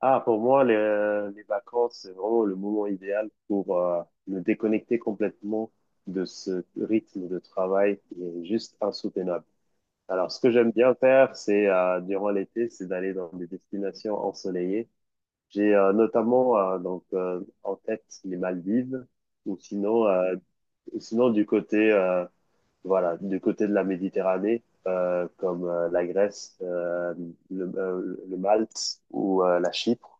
Ah, pour moi, les vacances, c'est vraiment le moment idéal pour me déconnecter complètement de ce rythme de travail qui est juste insoutenable. Alors, ce que j'aime bien faire, c'est durant l'été, c'est d'aller dans des destinations ensoleillées. J'ai notamment en tête les Maldives, ou sinon, euh, ou sinon du côté voilà, du côté de la Méditerranée, comme la Grèce, le Malte ou la Chypre.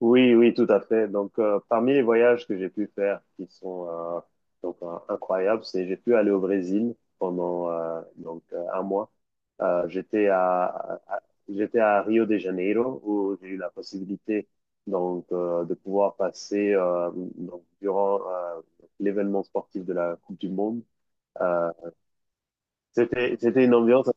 Oui, oui, tout à fait. Donc, parmi les voyages que j'ai pu faire qui sont incroyables, c'est j'ai pu aller au Brésil pendant un mois. J'étais à, à- j'étais à Rio de Janeiro où j'ai eu la possibilité de pouvoir passer donc durant l'événement sportif de la Coupe du Monde. Euh, c'était c'était une ambiance.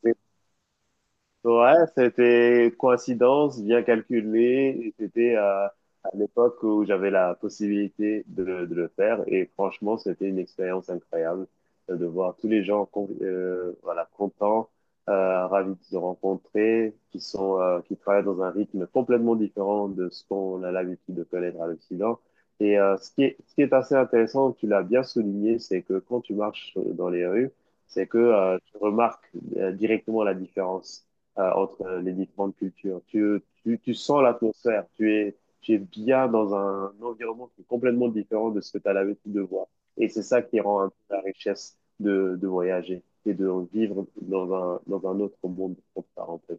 Ouais, c'était coïncidence bien calculée. Et c'était à l'époque où j'avais la possibilité de, le faire et franchement, c'était une expérience incroyable de voir tous les gens voilà, contents, ravis de se rencontrer, qui sont qui travaillent dans un rythme complètement différent de ce qu'on a l'habitude de connaître à l'Occident. Et ce qui est assez intéressant, tu l'as bien souligné, c'est que quand tu marches dans les rues, c'est que tu remarques directement la différence entre les différentes cultures. Tu sens l'atmosphère, tu es bien dans un environnement qui est complètement différent de ce que tu as l'habitude de voir. Et c'est ça qui rend un peu la richesse de voyager et de vivre dans un autre monde, comme ça, en fait.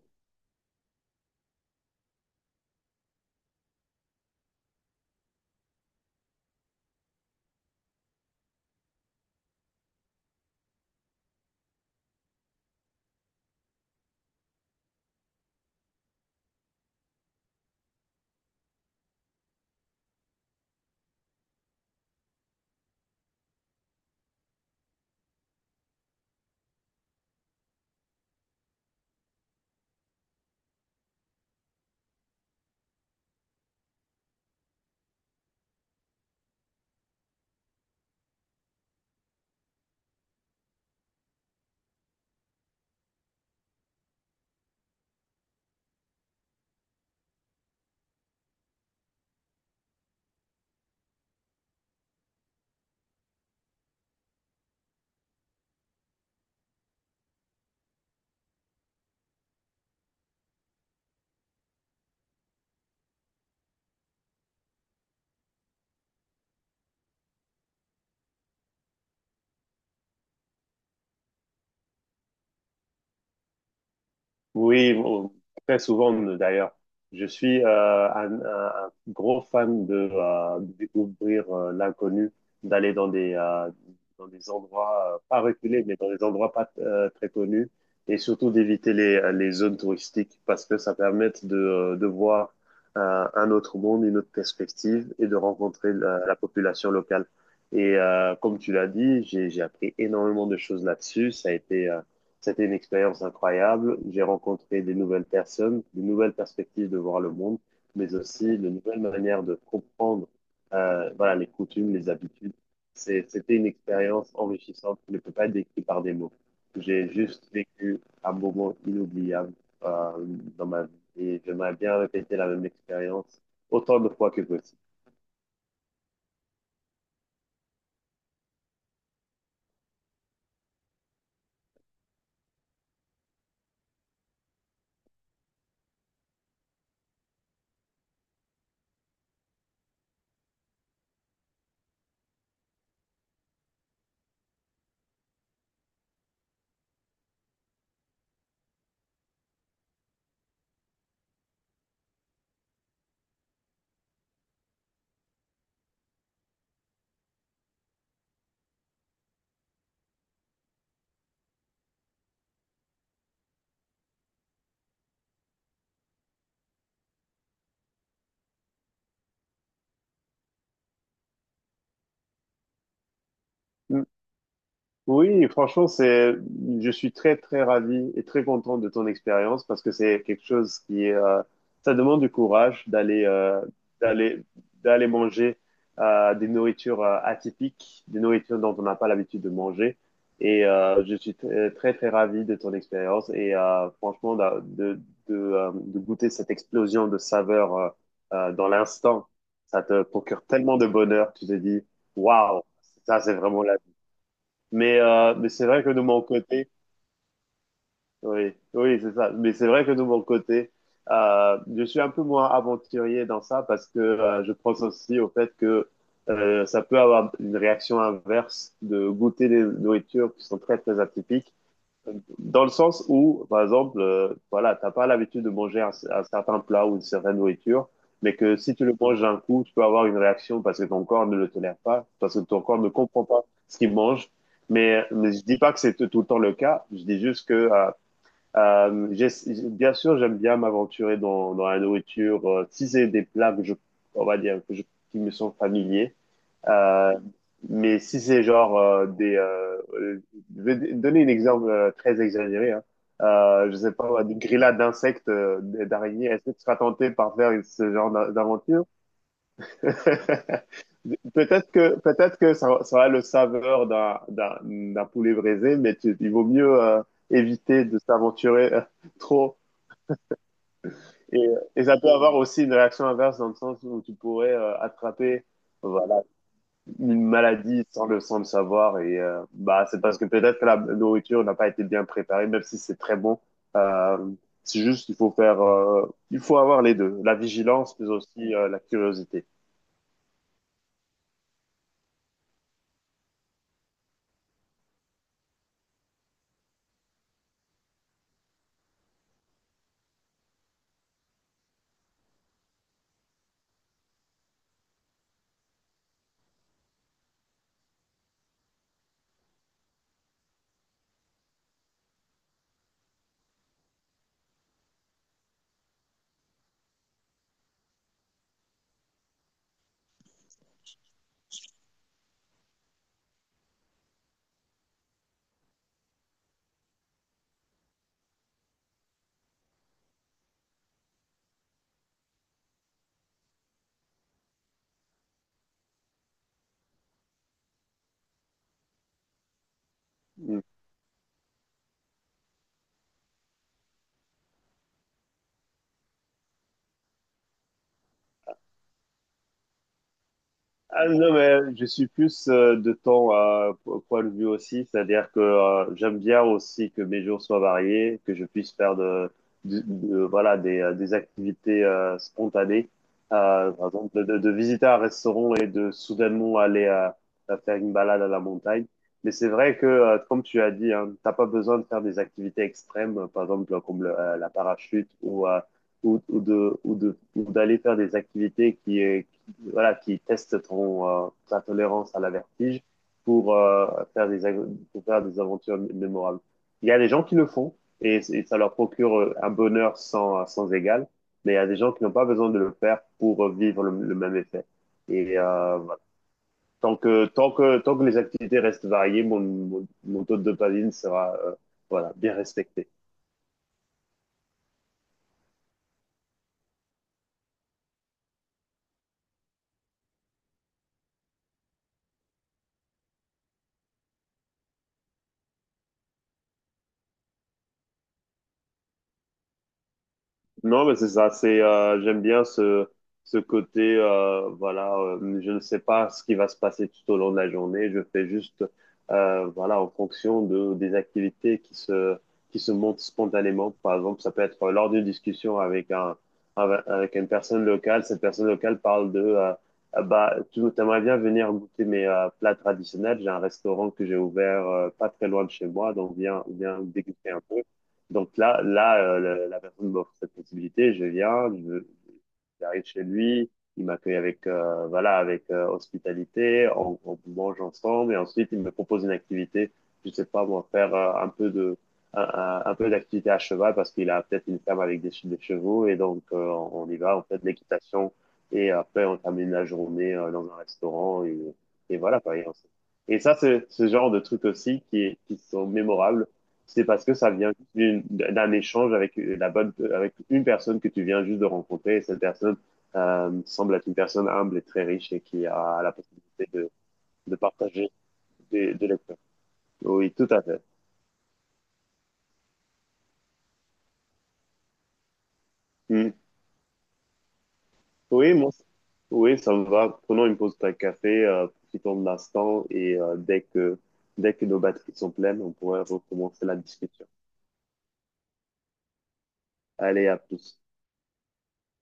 Oui, bon, très souvent d'ailleurs. Je suis un gros fan de découvrir l'inconnu, d'aller dans des endroits pas reculés, mais dans des endroits pas très connus, et surtout d'éviter les zones touristiques parce que ça permet de voir un autre monde, une autre perspective et de rencontrer la, la population locale. Et comme tu l'as dit, j'ai appris énormément de choses là-dessus. Ça a été c'était une expérience incroyable. J'ai rencontré des nouvelles personnes, de nouvelles perspectives de voir le monde, mais aussi de nouvelles manières de comprendre voilà, les coutumes, les habitudes. C'était une expérience enrichissante qui ne peut pas être décrite par des mots. J'ai juste vécu un moment inoubliable euh, dans ma vie et j'aimerais bien répéter la même expérience autant de fois que possible. Oui, franchement, c'est, je suis très, très ravi et très content de ton expérience parce que c'est quelque chose qui est, ça demande du courage d'aller, d'aller, d'aller manger, des nourritures, atypiques, des nourritures dont on n'a pas l'habitude de manger. Et, je suis très, très, très ravi de ton expérience et, franchement, de goûter cette explosion de saveurs, dans l'instant. Ça te procure tellement de bonheur, tu te dis, waouh, ça, c'est vraiment la. Mais, mais c'est vrai que de mon côté, oui, oui, c'est ça. Mais c'est vrai que de mon côté, je suis un peu moins aventurier dans ça parce que je pense aussi au fait que ça peut avoir une réaction inverse de goûter des nourritures qui sont très, très atypiques dans le sens où, par exemple, voilà, t'as pas l'habitude de manger un certain plat ou une certaine nourriture, mais que si tu le manges d'un coup, tu peux avoir une réaction parce que ton corps ne le tolère pas, parce que ton corps ne comprend pas ce qu'il mange. Mais je dis pas que c'est tout le temps le cas. Je dis juste que, euh, j'ai- bien sûr, j'aime bien m'aventurer dans, dans la nourriture. Si c'est des plats que je, on va dire, qui me sont familiers. Euh, mais si c'est genre je vais donner un exemple très exagéré. Hein. Je sais pas, moi, des grillades d'insectes, d'araignées. Est-ce que tu seras tenté par faire ce genre d'aventure? Peut-être que ça a le saveur d'un poulet braisé, mais il vaut mieux éviter de s'aventurer trop. Et, et ça peut avoir aussi une réaction inverse dans le sens où tu pourrais attraper voilà, une maladie sans le savoir. Et bah, c'est parce que peut-être que la nourriture n'a pas été bien préparée, même si c'est très bon. Euh, c'est juste qu'il faut faire, il faut avoir les deux, la vigilance, mais aussi la curiosité. Mm. Ah non, mais je suis plus de temps à au point de vue aussi, c'est-à-dire que j'aime bien aussi que mes jours soient variés, que je puisse faire de, voilà, des activités spontanées. Par exemple, de, de visiter un restaurant et de soudainement aller à faire une balade à la montagne. Mais c'est vrai que, comme tu as dit, hein, t'as pas besoin de faire des activités extrêmes, par exemple comme la parachute ou, ou d'aller faire des activités qui, voilà, qui testent ton, ta tolérance à la vertige pour, faire des, pour faire des aventures mémorables. Il y a des gens qui le font et ça leur procure un bonheur sans, sans égal, mais il y a des gens qui n'ont pas besoin de le faire pour vivre le même effet. Et voilà. Tant que les activités restent variées, mon taux de dopamine sera voilà, bien respecté. Non, mais c'est ça, c'est j'aime bien ce côté voilà, je ne sais pas ce qui va se passer tout au long de la journée, je fais juste voilà en fonction de des activités qui se montent spontanément. Par exemple, ça peut être lors d'une discussion avec un avec une personne locale, cette personne locale parle de ah bah tu aimerais bien venir goûter mes plats traditionnels, j'ai un restaurant que j'ai ouvert pas très loin de chez moi, donc viens déguster un peu. Donc là, là la, la personne m'offre cette possibilité. Je viens, j'arrive chez lui, il m'accueille avec, voilà, avec hospitalité, on mange ensemble et ensuite il me propose une activité. Je sais pas moi, faire un peu de, un, un peu d'activité à cheval parce qu'il a peut-être une ferme avec des, des chevaux et donc on y va, on fait de l'équitation et après on termine la journée dans un restaurant et voilà, quoi. Et ça, c'est ce genre de trucs aussi qui sont mémorables, c'est parce que ça vient d'un échange avec la bonne, avec une personne que tu viens juste de rencontrer. Et cette personne semble être une personne humble et très riche et qui a la possibilité de partager de l'expérience. Oui, tout à fait. Hmm. Oui, moi, oui, ça me va. Prenons une pause de café, profitons de l'instant et dès que nos batteries sont pleines, on pourrait recommencer la discussion. Allez, à plus.